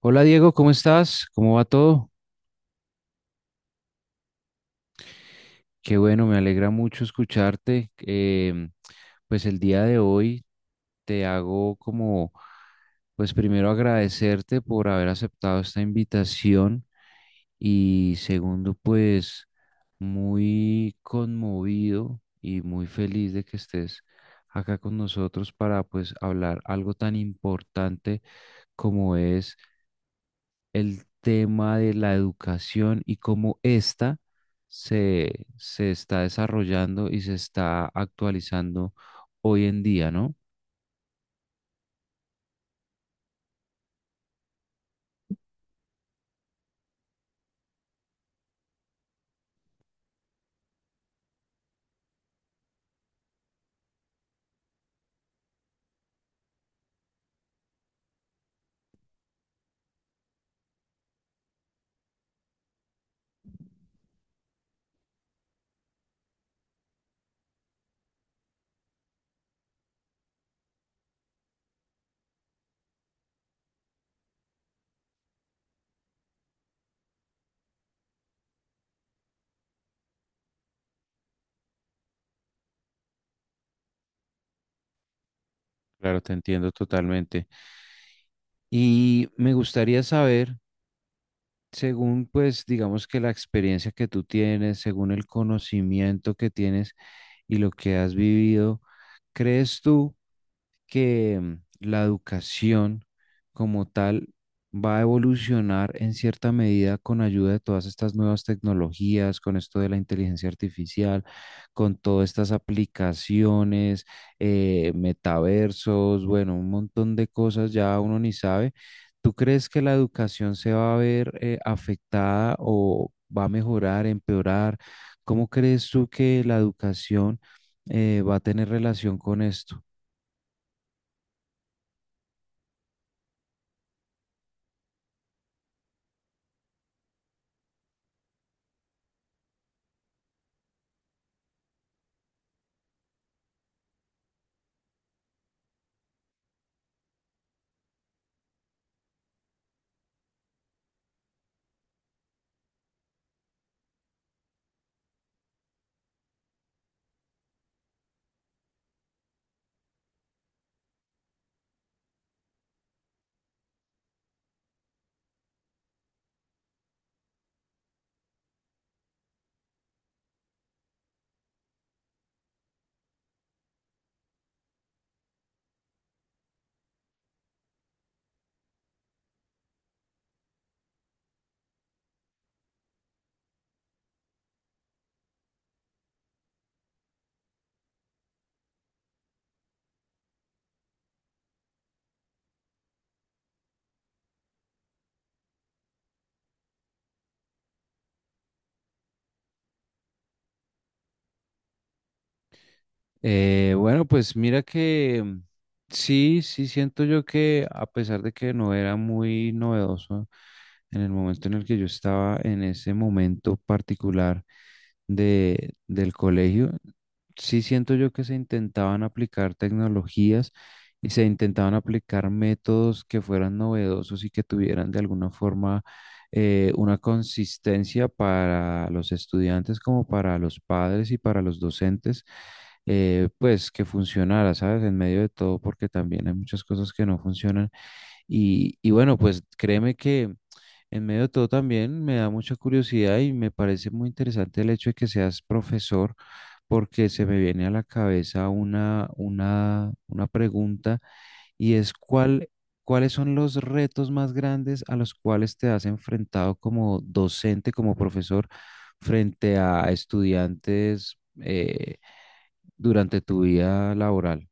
Hola Diego, ¿cómo estás? ¿Cómo va todo? Qué bueno, me alegra mucho escucharte. Pues el día de hoy te hago como, pues primero agradecerte por haber aceptado esta invitación y segundo, pues muy conmovido y muy feliz de que estés acá con nosotros para pues hablar algo tan importante como es el tema de la educación y cómo ésta se está desarrollando y se está actualizando hoy en día, ¿no? Claro, te entiendo totalmente. Y me gustaría saber, según pues digamos que la experiencia que tú tienes, según el conocimiento que tienes y lo que has vivido, ¿crees tú que la educación como tal va a evolucionar en cierta medida con ayuda de todas estas nuevas tecnologías, con esto de la inteligencia artificial, con todas estas aplicaciones, metaversos, bueno, un montón de cosas ya uno ni sabe? ¿Tú crees que la educación se va a ver afectada o va a mejorar, empeorar? ¿Cómo crees tú que la educación va a tener relación con esto? Bueno, pues mira que sí, sí siento yo que a pesar de que no era muy novedoso en el momento en el que yo estaba en ese momento particular del colegio, sí siento yo que se intentaban aplicar tecnologías y se intentaban aplicar métodos que fueran novedosos y que tuvieran de alguna forma una consistencia para los estudiantes como para los padres y para los docentes, pues que funcionara, ¿sabes? En medio de todo, porque también hay muchas cosas que no funcionan y, bueno, pues créeme que en medio de todo también me da mucha curiosidad y me parece muy interesante el hecho de que seas profesor, porque se me viene a la cabeza una pregunta y es cuáles son los retos más grandes a los cuales te has enfrentado como docente, como profesor, frente a estudiantes durante tu vida laboral.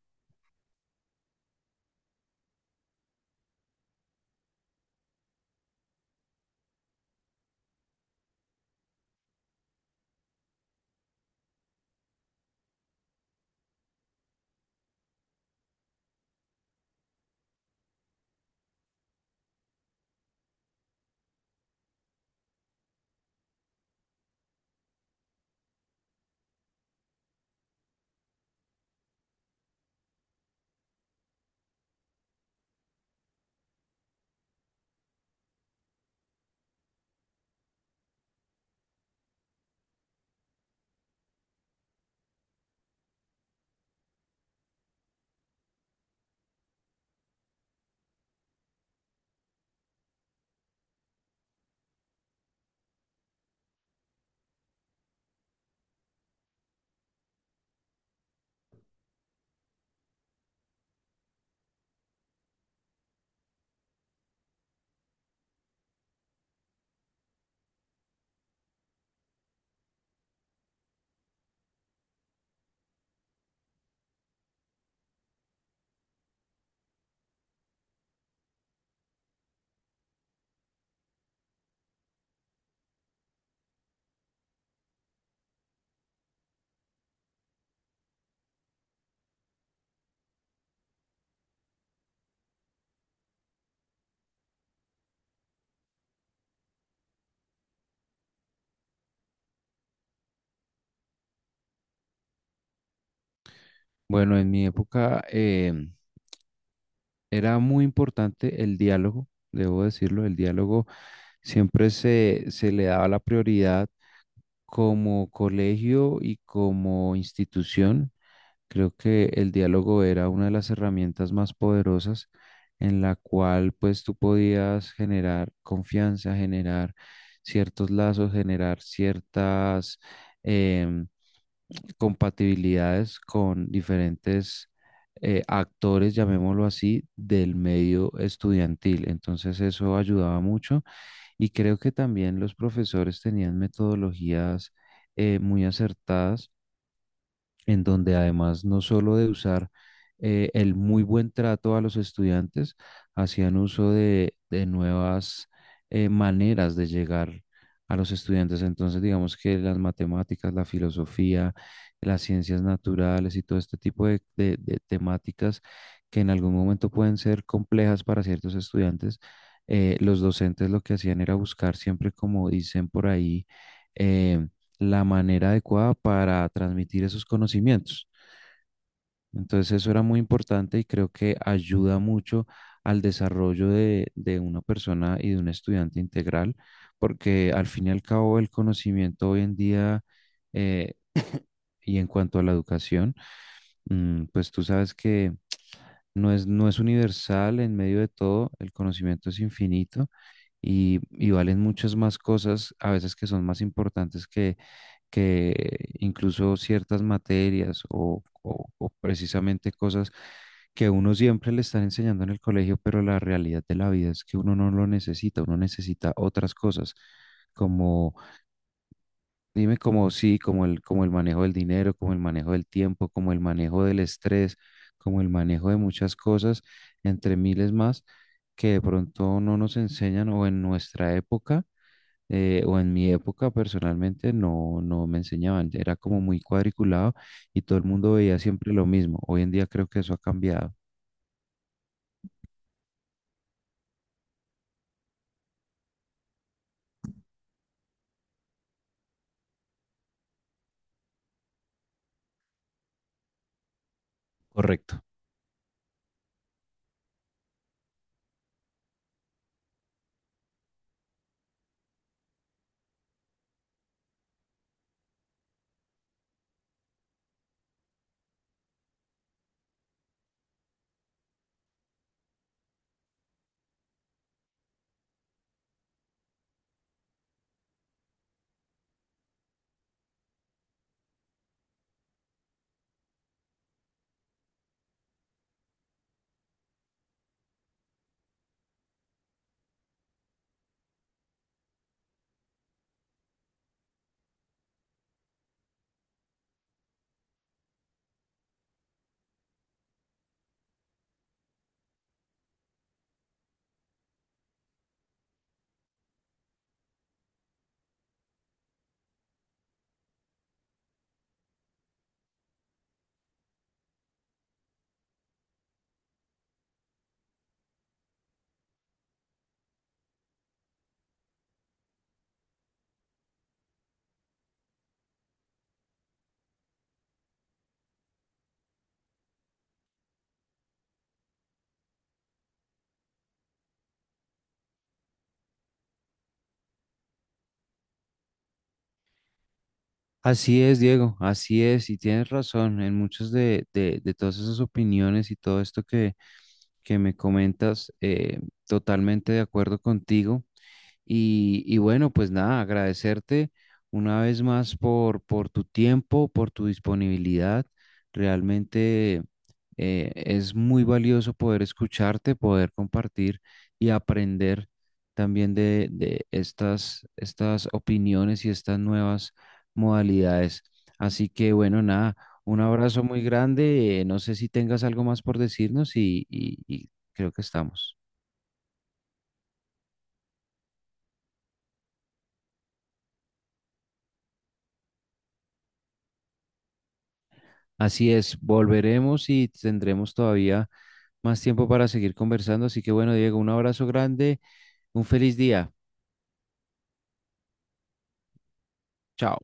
Bueno, en mi época, era muy importante el diálogo, debo decirlo, el diálogo siempre se le daba la prioridad como colegio y como institución. Creo que el diálogo era una de las herramientas más poderosas en la cual pues tú podías generar confianza, generar ciertos lazos, generar ciertas, eh, compatibilidades con diferentes actores, llamémoslo así, del medio estudiantil. Entonces eso ayudaba mucho y creo que también los profesores tenían metodologías muy acertadas en donde además no solo de usar el muy buen trato a los estudiantes, hacían uso de nuevas maneras de llegar a los estudiantes. Entonces, digamos que las matemáticas, la filosofía, las ciencias naturales y todo este tipo de temáticas que en algún momento pueden ser complejas para ciertos estudiantes, los docentes lo que hacían era buscar siempre, como dicen por ahí, eh, la manera adecuada para transmitir esos conocimientos. Entonces eso era muy importante y creo que ayuda mucho al desarrollo de una persona y de un estudiante integral, porque al fin y al cabo el conocimiento hoy en día eh, y en cuanto a la educación, pues tú sabes que no es universal en medio de todo, el conocimiento es infinito y valen muchas más cosas, a veces, que son más importantes que incluso ciertas materias o precisamente cosas que uno siempre le están enseñando en el colegio, pero la realidad de la vida es que uno no lo necesita, uno necesita otras cosas. Dime, como sí, como el manejo del dinero, como el manejo del tiempo, como el manejo del estrés, como el manejo de muchas cosas, entre miles más, que de pronto no nos enseñan o en nuestra época, o en mi época personalmente, no, no me enseñaban. Era como muy cuadriculado y todo el mundo veía siempre lo mismo. Hoy en día creo que eso ha cambiado. Así es, Diego, así es, y tienes razón en muchas de, de todas esas opiniones y todo esto que me comentas, totalmente de acuerdo contigo. Y bueno, pues nada, agradecerte una vez más por tu tiempo, por tu disponibilidad. Realmente es muy valioso poder escucharte, poder compartir y aprender también de estas, estas opiniones y estas nuevas modalidades. Así que bueno, nada, un abrazo muy grande. No sé si tengas algo más por decirnos y, y creo que estamos. Así es, volveremos y tendremos todavía más tiempo para seguir conversando. Así que bueno, Diego, un abrazo grande, un feliz día. Chao.